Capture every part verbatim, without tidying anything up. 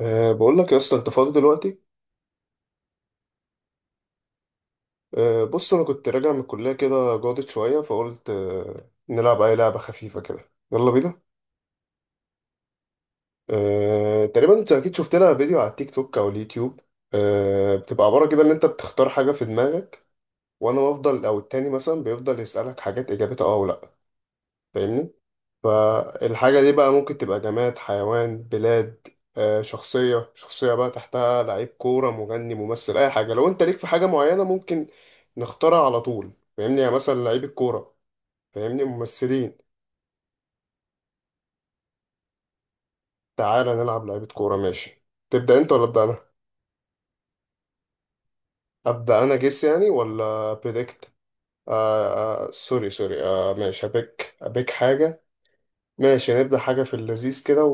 أه بقول لك يا اسطى، انت فاضي دلوقتي؟ أه بص انا كنت راجع من الكليه كده جاضت شويه فقلت أه نلعب اي لعبه خفيفه كده، يلا بينا. أه تقريبا انت اكيد شفت لها فيديو على التيك توك او اليوتيوب. أه بتبقى عباره كده ان انت بتختار حاجه في دماغك، وانا بفضل او التاني مثلا بيفضل يسالك حاجات اجابتها اه ولا لا. فاهمني؟ فالحاجة دي بقى ممكن تبقى جماد، حيوان، بلاد، آه، شخصية. شخصية بقى تحتها لعيب كورة، مغني، ممثل، أي حاجة. لو أنت ليك في حاجة معينة ممكن نختارها على طول، فاهمني؟ يعني مثلا لعيب الكورة، فاهمني؟ ممثلين. تعالى نلعب لعيبة كورة، ماشي؟ تبدأ أنت ولا أبدأ أنا؟ أبدأ أنا، جيس يعني ولا بريدكت؟ آه. آه سوري سوري، آه ماشي، أبيك أبيك حاجة. ماشي، نبدأ حاجة في اللذيذ كده.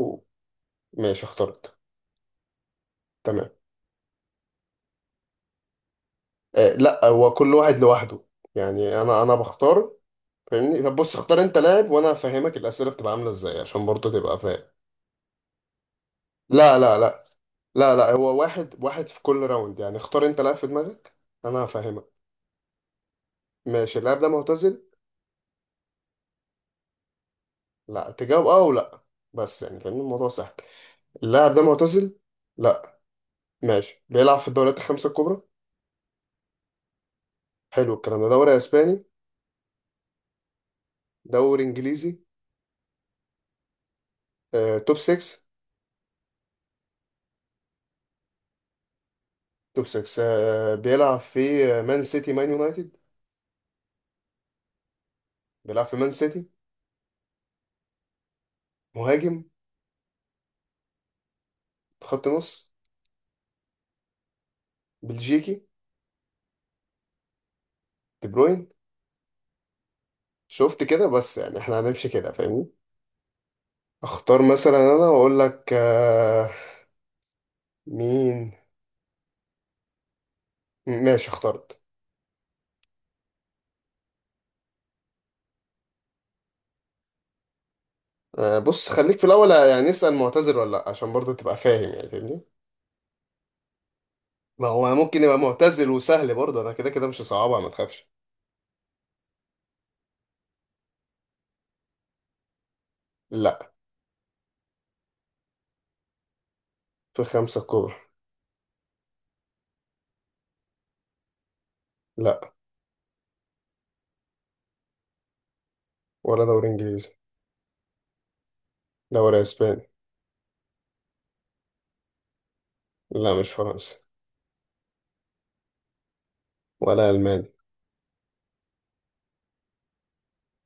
وماشي، اخترت. تمام. آه، لا، هو كل واحد لوحده. يعني انا انا بختار، فاهمني؟ طب بص، اختار انت لاعب وانا هفهمك الاسئله بتبقى عامله ازاي عشان برضه تبقى فاهم. لا، لا، لا. لا، لا، هو واحد واحد في كل راوند. يعني اختار انت لاعب في دماغك، انا هفهمك. ماشي، اللاعب ده معتزل؟ لا، تجاوب اه ولا. بس يعني فاهمني، الموضوع سهل. اللاعب ده معتزل؟ لا. ماشي، بيلعب في الدوريات الخمسه الكبرى؟ حلو، الكلام ده دوري اسباني؟ دوري انجليزي؟ آه، توب ستة. توب ستة، آه، بيلعب في آه، مان سيتي، مان يونايتد؟ بيلعب في مان سيتي؟ مهاجم؟ خط نص؟ بلجيكي؟ دي بروين. شفت كده؟ بس يعني احنا هنمشي كده، فاهمني؟ اختار مثلا انا واقول لك آه مين. ماشي، اخترت. آه بص، خليك في الاول يعني اسال معتزل ولا لا، عشان برضه تبقى فاهم، يعني فاهمني. ما هو ممكن يبقى معتزل وسهل برضه، انا كده كده مش صعبة، ما تخافش. لا. في خمسة كورة. لا، ولا دوري انجليزي. دوري اسباني. لا، مش فرنسي. ولا الماني.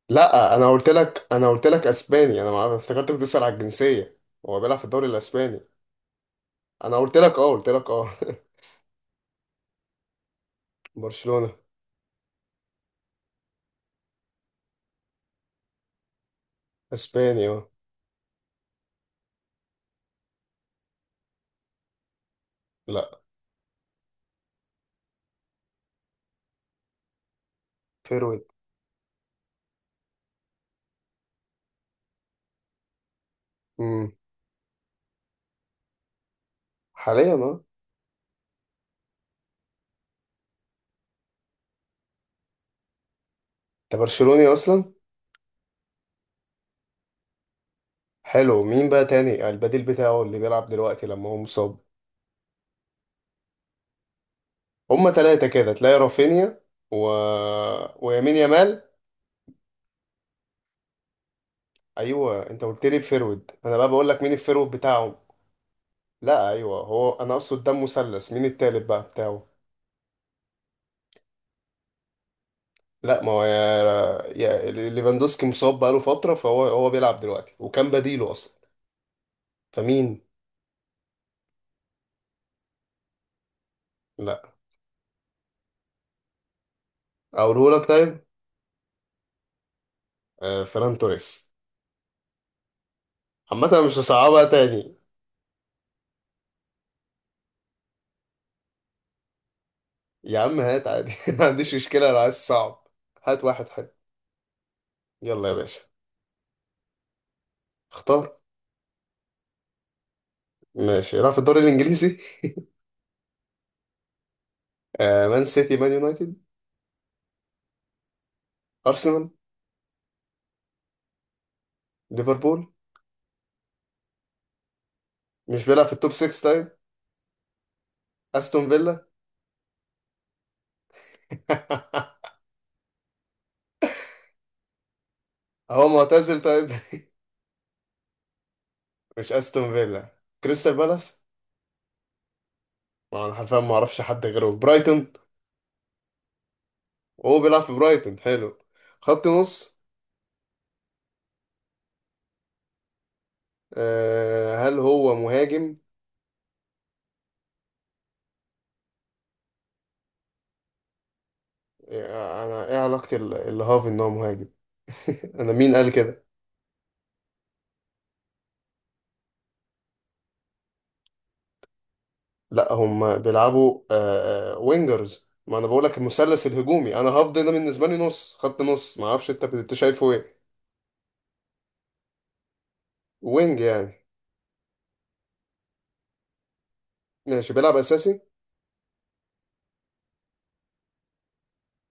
لا، انا قلت لك انا قلت لك اسباني، انا ما افتكرت بتسأل على الجنسيه. هو بيلعب في الدوري الاسباني. انا قلت لك اه، قلت لك اه. برشلونه. اسباني اه. لا. فيرويد. امم. حاليا اه. انت برشلوني اصلا؟ حلو، مين بقى تاني يعني البديل بتاعه اللي بيلعب دلوقتي لما هو مصاب؟ هما ثلاثه كده، تلاقي رافينيا و ويمين يامال. ايوه انت قلت لي فيرويد، انا بقى بقول لك مين الفيرويد بتاعهم. لا ايوه، هو انا اقصد ده مثلث، مين التالت بقى بتاعه. لا، ما هو يا يا ليفاندوسكي مصاب بقاله فترة، فهو هو بيلعب دلوقتي وكان بديله أصلا. فمين؟ لا. أقوله لك طيب. آه فران توريس. عامة أنا مش هصعبها تاني. يا عم هات عادي، ما عنديش مشكلة لو عايز صعب. هات واحد حلو. يلا يا باشا. اختار. ماشي، راح في الدوري الإنجليزي. آه مان سيتي، مان يونايتد؟ أرسنال؟ ليفربول؟ مش بيلعب في التوب ستة طيب؟ أستون فيلا؟ هو معتزل طيب؟ مش أستون فيلا؟ كريستال بالاس؟ ما انا حرفيا ما اعرفش حد غيره في برايتون. وهو بيلعب في برايتون؟ حلو. خط نص؟ آه هل هو مهاجم؟ آه، انا ايه علاقة ال- الهاف ان هو مهاجم؟ انا مين قال كده؟ لا هم بيلعبوا آه آه، وينجرز. ما انا بقول لك المثلث الهجومي، انا هاف ده ده بالنسبة لي نص خط نص، ما اعرفش انت بت- شايفه ايه. وينج يعني. ماشي، بيلعب اساسي؟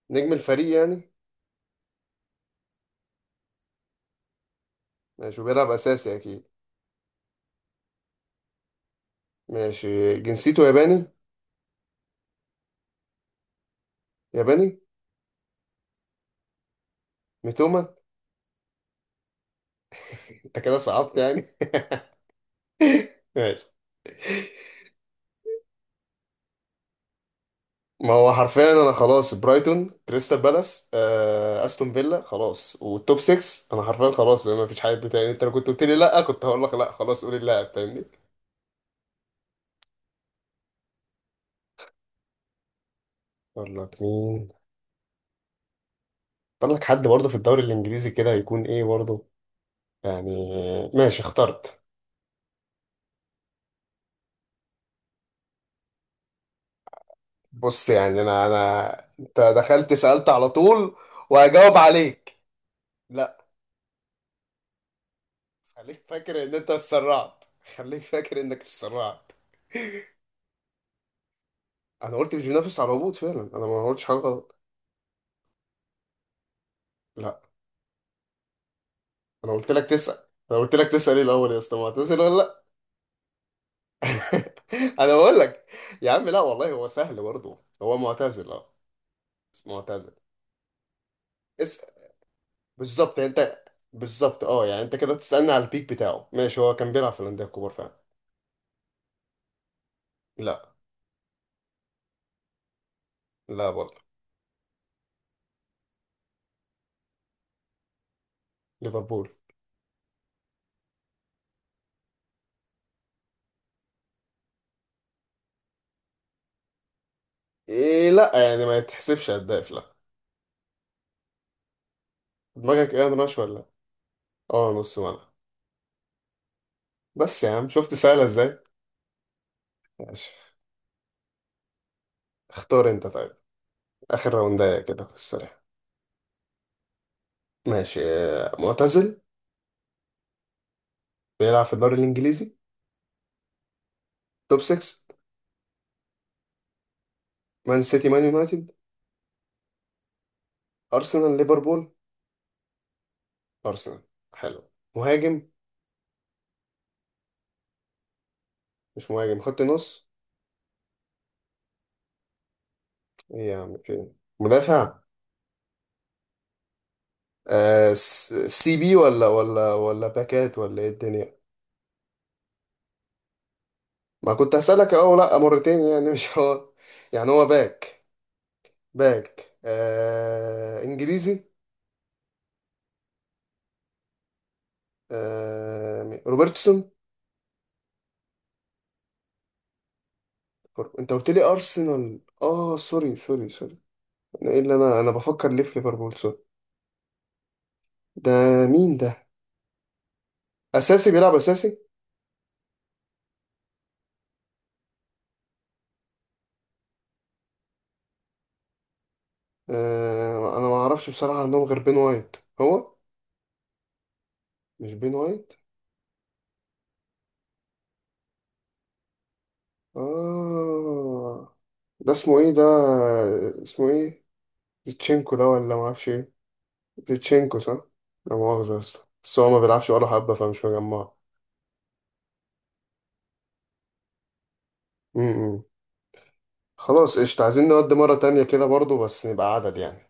نجم الفريق يعني؟ ماشي، بيلعب اساسي اكيد. ماشي، جنسيته ياباني؟ ياباني. ميتوما. انت كده صعبت يعني. ماشي. ما هو حرفيا انا خلاص برايتون، كريستال بالاس، آه، استون فيلا خلاص، والتوب ستة انا حرفيا خلاص، ما فيش حد تاني. انت لو كنت قلت لي لا كنت هقول لك لا، خلاص قول اللاعب، فاهمني؟ اقول لك مين؟ اختار لك حد برضه في الدوري الانجليزي كده هيكون ايه برضه، يعني. ماشي، اخترت. بص يعني، انا انا انت دخلت سألت على طول وهجاوب عليك. لا. خليك فاكر ان انت اتسرعت. خليك فاكر انك اتسرعت. انا قلت مش بينافس على الهبوط، فعلا انا ما قلتش حاجه غلط. لا. انا قلت لك تسال، انا قلت لك تسال ايه الاول يا اسطى، ما هتسال ولا لا؟ انا بقول لك. يا عم لا والله، هو سهل برضه، هو معتزل اه. بس معتزل. اسال. بالظبط يعني انت. بالظبط اه، يعني انت كده بتسالني على البيك بتاعه. ماشي، هو كان بيلعب في الانديه الكبار فعلا. لا. لا برضه. ليفربول. إيه لا يعني، ما يتحسبش هداف لا. دماغك ايه، ناش ولا؟ اه نص ملعب. بس يا عم شفت سهله ازاي. ماشي. اختار انت طيب. اخر راوندايه كده في السريع. ماشي، آه، معتزل؟ بيلعب في الدوري الانجليزي؟ توب ستة؟ مان سيتي، مان يونايتد؟ ارسنال، ليفربول؟ ارسنال؟ حلو. مهاجم؟ مش مهاجم، خط نص؟ إيه يا عم، في. مدافع؟ آه س- سي بي ولا ولا ولا باكات ولا ايه الدنيا؟ ما كنت هسألك اه لا، مرتين يعني مش هو. يعني هو باك. باك آه انجليزي؟ آه روبرتسون؟ انت قلت لي ارسنال، اه سوري سوري سوري. ايه اللي انا انا بفكر ليه في ليفربول، سوري. ده، مين ده؟ اساسي، بيلعب اساسي؟ آه انا ما اعرفش بصراحه، عندهم غير بين وايت. هو، مش بين وايت؟ اه. ده اسمه ايه ده؟ اسمه ايه؟ زيتشينكو ده، ولا ما اعرفش ايه؟ زيتشينكو صح. لا مؤاخذه يا اسطى، بس هو ما بيلعبش ولا حبه، فمش مجمعه. م- م. خلاص قشطة، عايزين نودي مرة تانية كده برضو بس نبقى عدد يعني.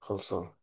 خلصان.